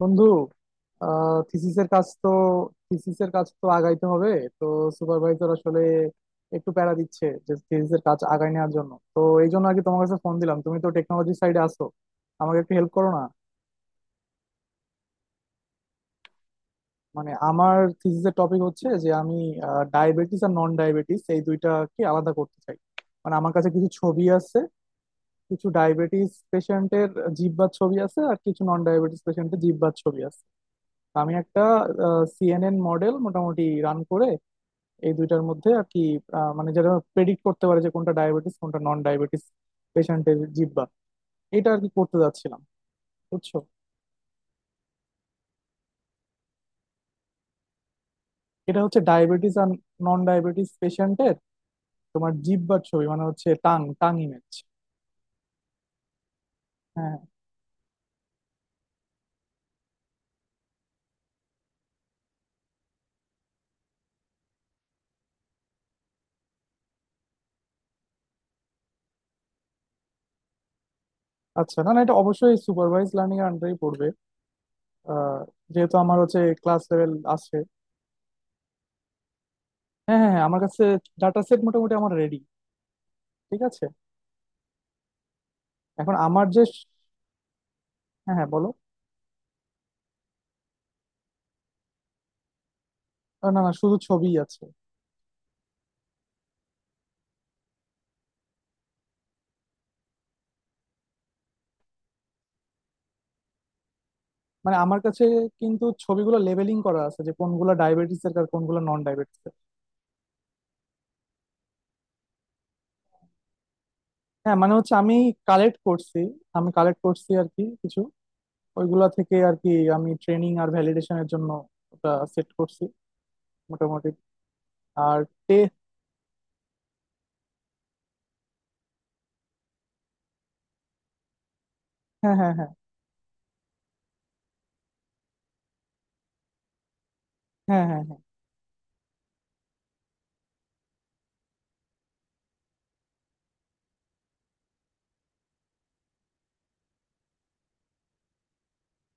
বন্ধু। থিসিসের কাজ তো, আগাইতে হবে। তো সুপারভাইজার আসলে একটু প্যারা দিচ্ছে যে থিসিসের কাজ আগায় নেওয়ার জন্য, তো এই জন্য আর কি তোমার কাছে ফোন দিলাম। তুমি তো টেকনোলজি সাইডে আছো, আমাকে একটু হেল্প করো না। মানে আমার থিসিসের টপিক হচ্ছে যে আমি ডায়াবেটিস আর নন ডায়াবেটিস এই দুইটাকে আলাদা করতে চাই। মানে আমার কাছে কিছু ছবি আছে, কিছু ডায়াবেটিস পেশেন্টের জিহ্বার ছবি আছে আর কিছু নন ডায়াবেটিস পেশেন্টের জিহ্বার ছবি আছে। তো আমি একটা CNN মডেল মোটামুটি রান করে এই দুইটার মধ্যে আর কি, মানে যেটা প্রেডিক্ট করতে পারে যে কোনটা ডায়াবেটিস কোনটা নন ডায়াবেটিস পেশেন্টের জিহ্বা, এটা আর কি করতে যাচ্ছিলাম। বুঝছো? এটা হচ্ছে ডায়াবেটিস আর নন ডায়াবেটিস পেশেন্টের তোমার জিহ্বার ছবি, মানে হচ্ছে টাং টাং ইমেজ। হ্যাঁ। আচ্ছা, না না এটা অবশ্যই সুপারভাইজ লার্নিং এর আন্ডারেই পড়বে। আহ, যেহেতু আমার হচ্ছে ক্লাস লেভেল আছে। হ্যাঁ হ্যাঁ হ্যাঁ, আমার কাছে ডাটা সেট মোটামুটি আমার রেডি। ঠিক আছে। এখন আমার যে, হ্যাঁ হ্যাঁ বলো। না না শুধু ছবিই আছে। মানে আমার কাছে কিন্তু ছবিগুলো লেবেলিং করা আছে যে কোনগুলো ডায়াবেটিস এর আর কোনগুলো নন ডায়াবেটিস এর। হ্যাঁ মানে হচ্ছে আমি কালেক্ট করছি, আমি কালেক্ট করছি আর কি কিছু ওইগুলা থেকে আর কি। আমি ট্রেনিং আর ভ্যালিডেশনের জন্য ওটা সেট করছি মোটামুটি। আর টে হ্যাঁ হ্যাঁ হ্যাঁ। হ্যাঁ হ্যাঁ হ্যাঁ।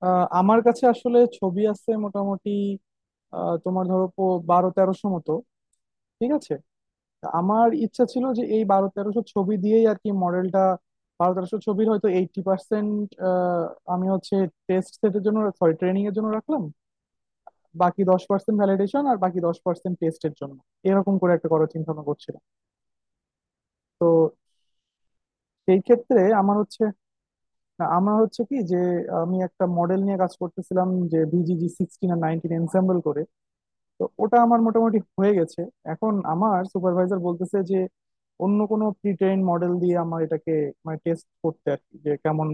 আমার কাছে আসলে ছবি আছে মোটামুটি। তোমার ধরো 1200-1300 মতো। ঠিক আছে। তা আমার ইচ্ছা ছিল যে এই বারো তেরোশো ছবি দিয়েই আর কি মডেলটা, বারো তেরোশো ছবির হয়তো 80% আমি হচ্ছে টেস্ট সেটের জন্য সরি ট্রেনিং এর জন্য রাখলাম, বাকি 10% ভ্যালিডেশন আর বাকি 10% টেস্টের জন্য, এরকম করে একটা করার চিন্তা ভাবনা করছিলাম। তো সেই ক্ষেত্রে আমার হচ্ছে, না, আমার হচ্ছে কি যে আমি একটা মডেল নিয়ে কাজ করতেছিলাম যে বিজিজি 16 আর 19 এনসেম্বল করে। তো ওটা আমার মোটামুটি হয়ে গেছে। এখন আমার সুপারভাইজার বলতেছে যে অন্য কোনো প্রি ট্রেন মডেল দিয়ে আমার এটাকে মানে টেস্ট করতে আর কি যে কেমন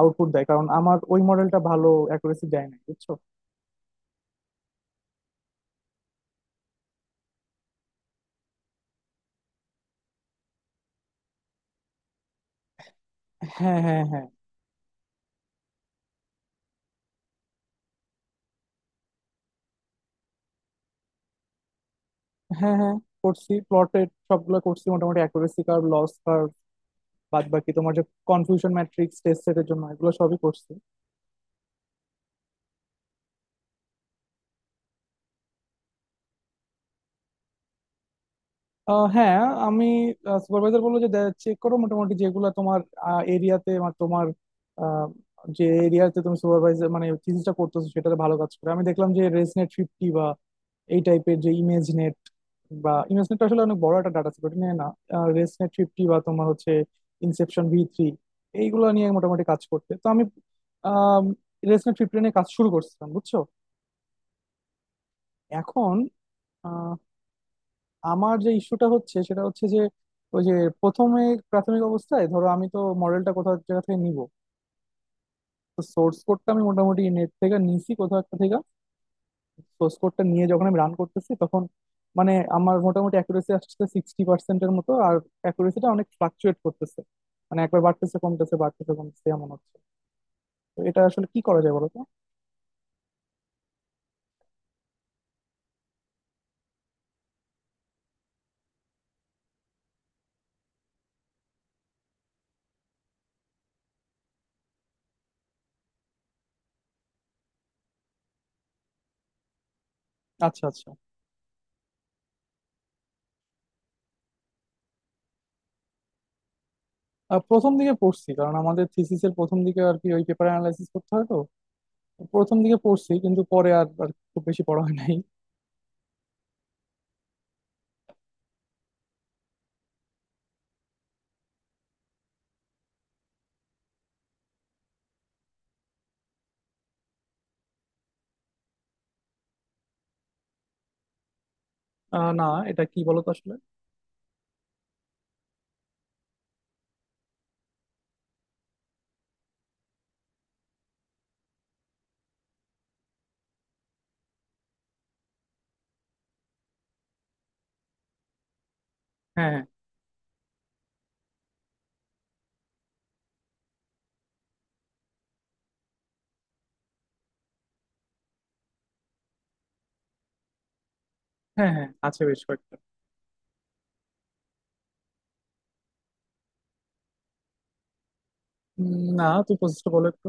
আউটপুট দেয়, কারণ আমার ওই মডেলটা ভালো অ্যাকুরেসি দেয় না। বুঝছো? হ্যাঁ হ্যাঁ হ্যাঁ। হ্যাঁ হ্যাঁ করছি, প্লটেড সবগুলো করছি মোটামুটি অ্যাকুরেসি কার্ভ, লস কার্ভ, বাদ বাকি তোমার যে কনফিউশন ম্যাট্রিক্স টেস্ট সেটের জন্য, এগুলো সবই করছি। হ্যাঁ। আমি সুপারভাইজার বললো যে চেক করো মোটামুটি যেগুলা তোমার এরিয়াতে তোমার, আহ, যে এরিয়াতে তুমি সুপারভাইজার মানে থিসিসটা করতেছো সেটাতে ভালো কাজ করে। আমি দেখলাম যে রেজনেট 50 বা এই টাইপের যে ইমেজ নেট, বা ইমেজ নেট আসলে অনেক বড় একটা ডাটা সেট, ওটা নিয়ে না রেজনেট ফিফটি বা তোমার হচ্ছে ইনসেপশন V3, এইগুলো নিয়ে মোটামুটি কাজ করতে, তো আমি রেজনেট ফিফটি নিয়ে কাজ শুরু করছিলাম। বুঝছো? এখন আমার যে ইস্যুটা হচ্ছে সেটা হচ্ছে যে ওই যে প্রথমে প্রাথমিক অবস্থায় ধরো আমি তো মডেলটা কোথাও এক জায়গা থেকে নিব, তো সোর্স কোডটা আমি মোটামুটি নেট থেকে নিছি কোথাও একটা থেকে। সোর্স কোডটা নিয়ে যখন আমি রান করতেছি তখন মানে আমার মোটামুটি অ্যাকুরেসি আসছে 60% মতো, আর অ্যাকুরেসিটা অনেক ফ্লাকচুয়েট করতেছে। মানে একবার বাড়তেছে কমতেছে বাড়তেছে কমতেছে এমন হচ্ছে। তো এটা আসলে কি করা যায় বলো তো। আচ্ছা আচ্ছা। প্রথম দিকে পড়ছি কারণ আমাদের থিসিসের প্রথম দিকে আর কি ওই পেপার অ্যানালাইসিস করতে হয় তো। প্রথম দিকে পড়ছি কিন্তু পরে আর আর খুব বেশি পড়া হয় নাই। না, এটা কি বলতো আসলে? হ্যাঁ হ্যাঁ হ্যাঁ হ্যাঁ আছে বেশ কয়েকটা। না তুই পজিশটা বলো একটু।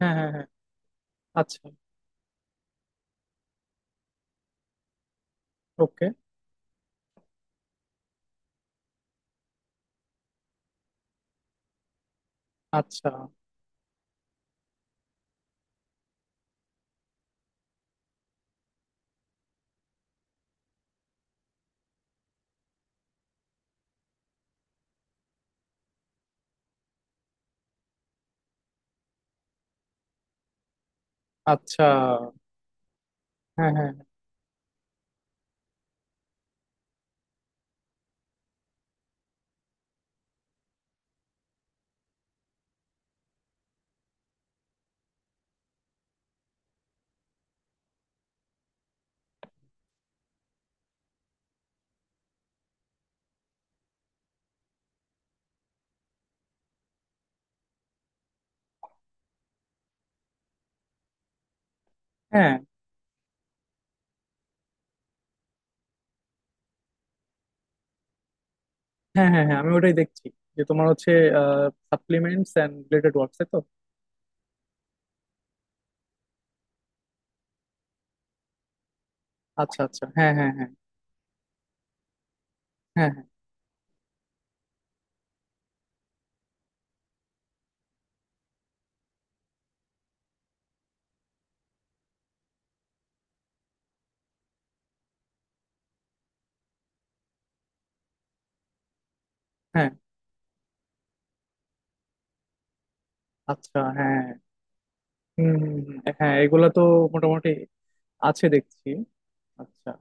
হ্যাঁ হ্যাঁ হ্যাঁ। আচ্ছা। ওকে। আচ্ছা আচ্ছা, হ্যাঁ হ্যাঁ হ্যাঁ। হ্যাঁ হ্যাঁ হ্যাঁ আমি ওটাই দেখছি যে তোমার হচ্ছে সাপ্লিমেন্টস এন্ড রিলেটেড ওয়ার্কস, তাই তো? আচ্ছা আচ্ছা, হ্যাঁ হ্যাঁ হ্যাঁ। হ্যাঁ হ্যাঁ হ্যাঁ। আচ্ছা। হ্যাঁ হুম হুম হুম, হ্যাঁ এগুলা তো মোটামুটি আছে দেখছি। আচ্ছা।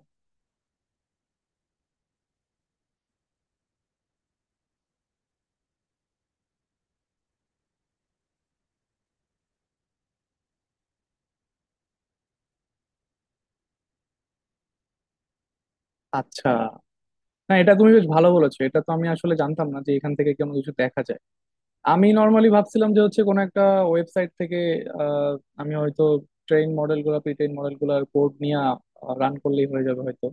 আচ্ছা না এটা তুমি বেশ ভালো বলেছো, এটা তো আমি আসলে জানতাম না যে এখান থেকে কোনো কিছু দেখা যায়। আমি নর্মালি ভাবছিলাম যে হচ্ছে কোনো একটা ওয়েবসাইট থেকে আহ, আমি হয়তো ট্রেন মডেল গুলা প্রি ট্রেন মডেল গুলার কোড নিয়ে রান করলেই হয়ে যাবে হয়তো।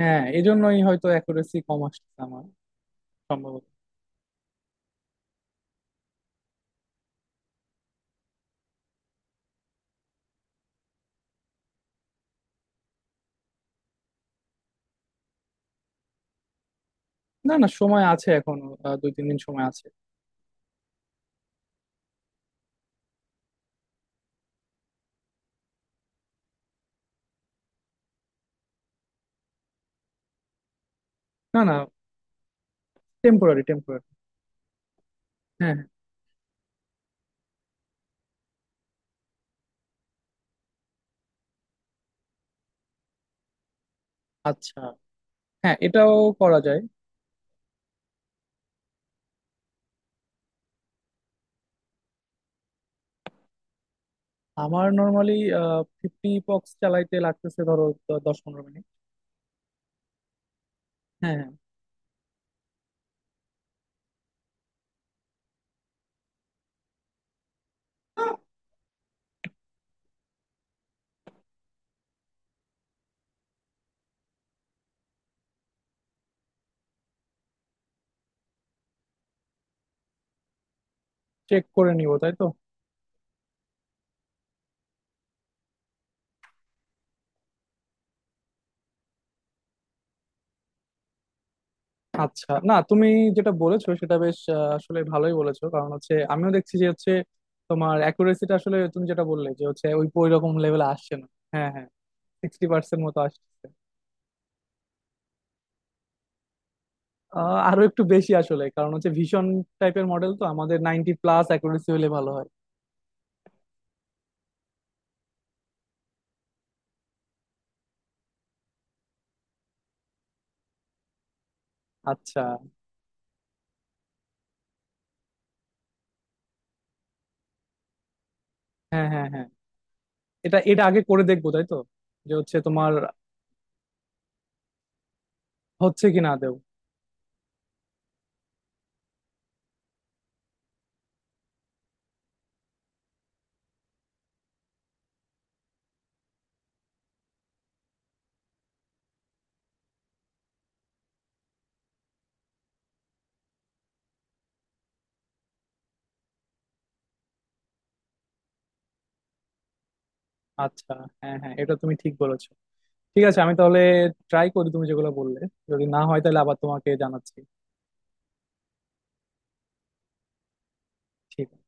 হ্যাঁ এই জন্যই হয়তো অ্যাকুরেসি কম আসছে আমার। সম্ভবত। না না সময় আছে এখন। 2-3 দিন সময় আছে। না না, টেম্পোরারি টেম্পোরারি। হ্যাঁ হ্যাঁ। আচ্ছা হ্যাঁ এটাও করা যায়। আমার নর্মালি 50 পক্স চালাইতে লাগতেছে ধরো, 10-15 মিনিট। হ্যাঁ হ্যাঁ। চেক করে নিব, তাই তো? আচ্ছা না তুমি যেটা বলেছো সেটা বেশ আসলে ভালোই বলেছো, কারণ হচ্ছে আমিও দেখছি যে হচ্ছে তোমার অ্যাকুরেসিটা আসলে তুমি যেটা বললে যে হচ্ছে ওই ওই রকম লেভেলে আসছে না। হ্যাঁ হ্যাঁ 60% মতো আসছে। আরো একটু বেশি আসলে, কারণ হচ্ছে ভীষণ টাইপের মডেল তো আমাদের 90 প্লাস অ্যাকুরেসি হলে ভালো হয়। আচ্ছা হ্যাঁ হ্যাঁ হ্যাঁ, এটা এটা আগে করে দেখবো তাই তো? যে হচ্ছে তোমার হচ্ছে কি না দেও। আচ্ছা হ্যাঁ হ্যাঁ এটা তুমি ঠিক বলেছো। ঠিক আছে, আমি তাহলে ট্রাই করি তুমি যেগুলো বললে, যদি না হয় তাহলে আবার তোমাকে জানাচ্ছি। ঠিক আছে।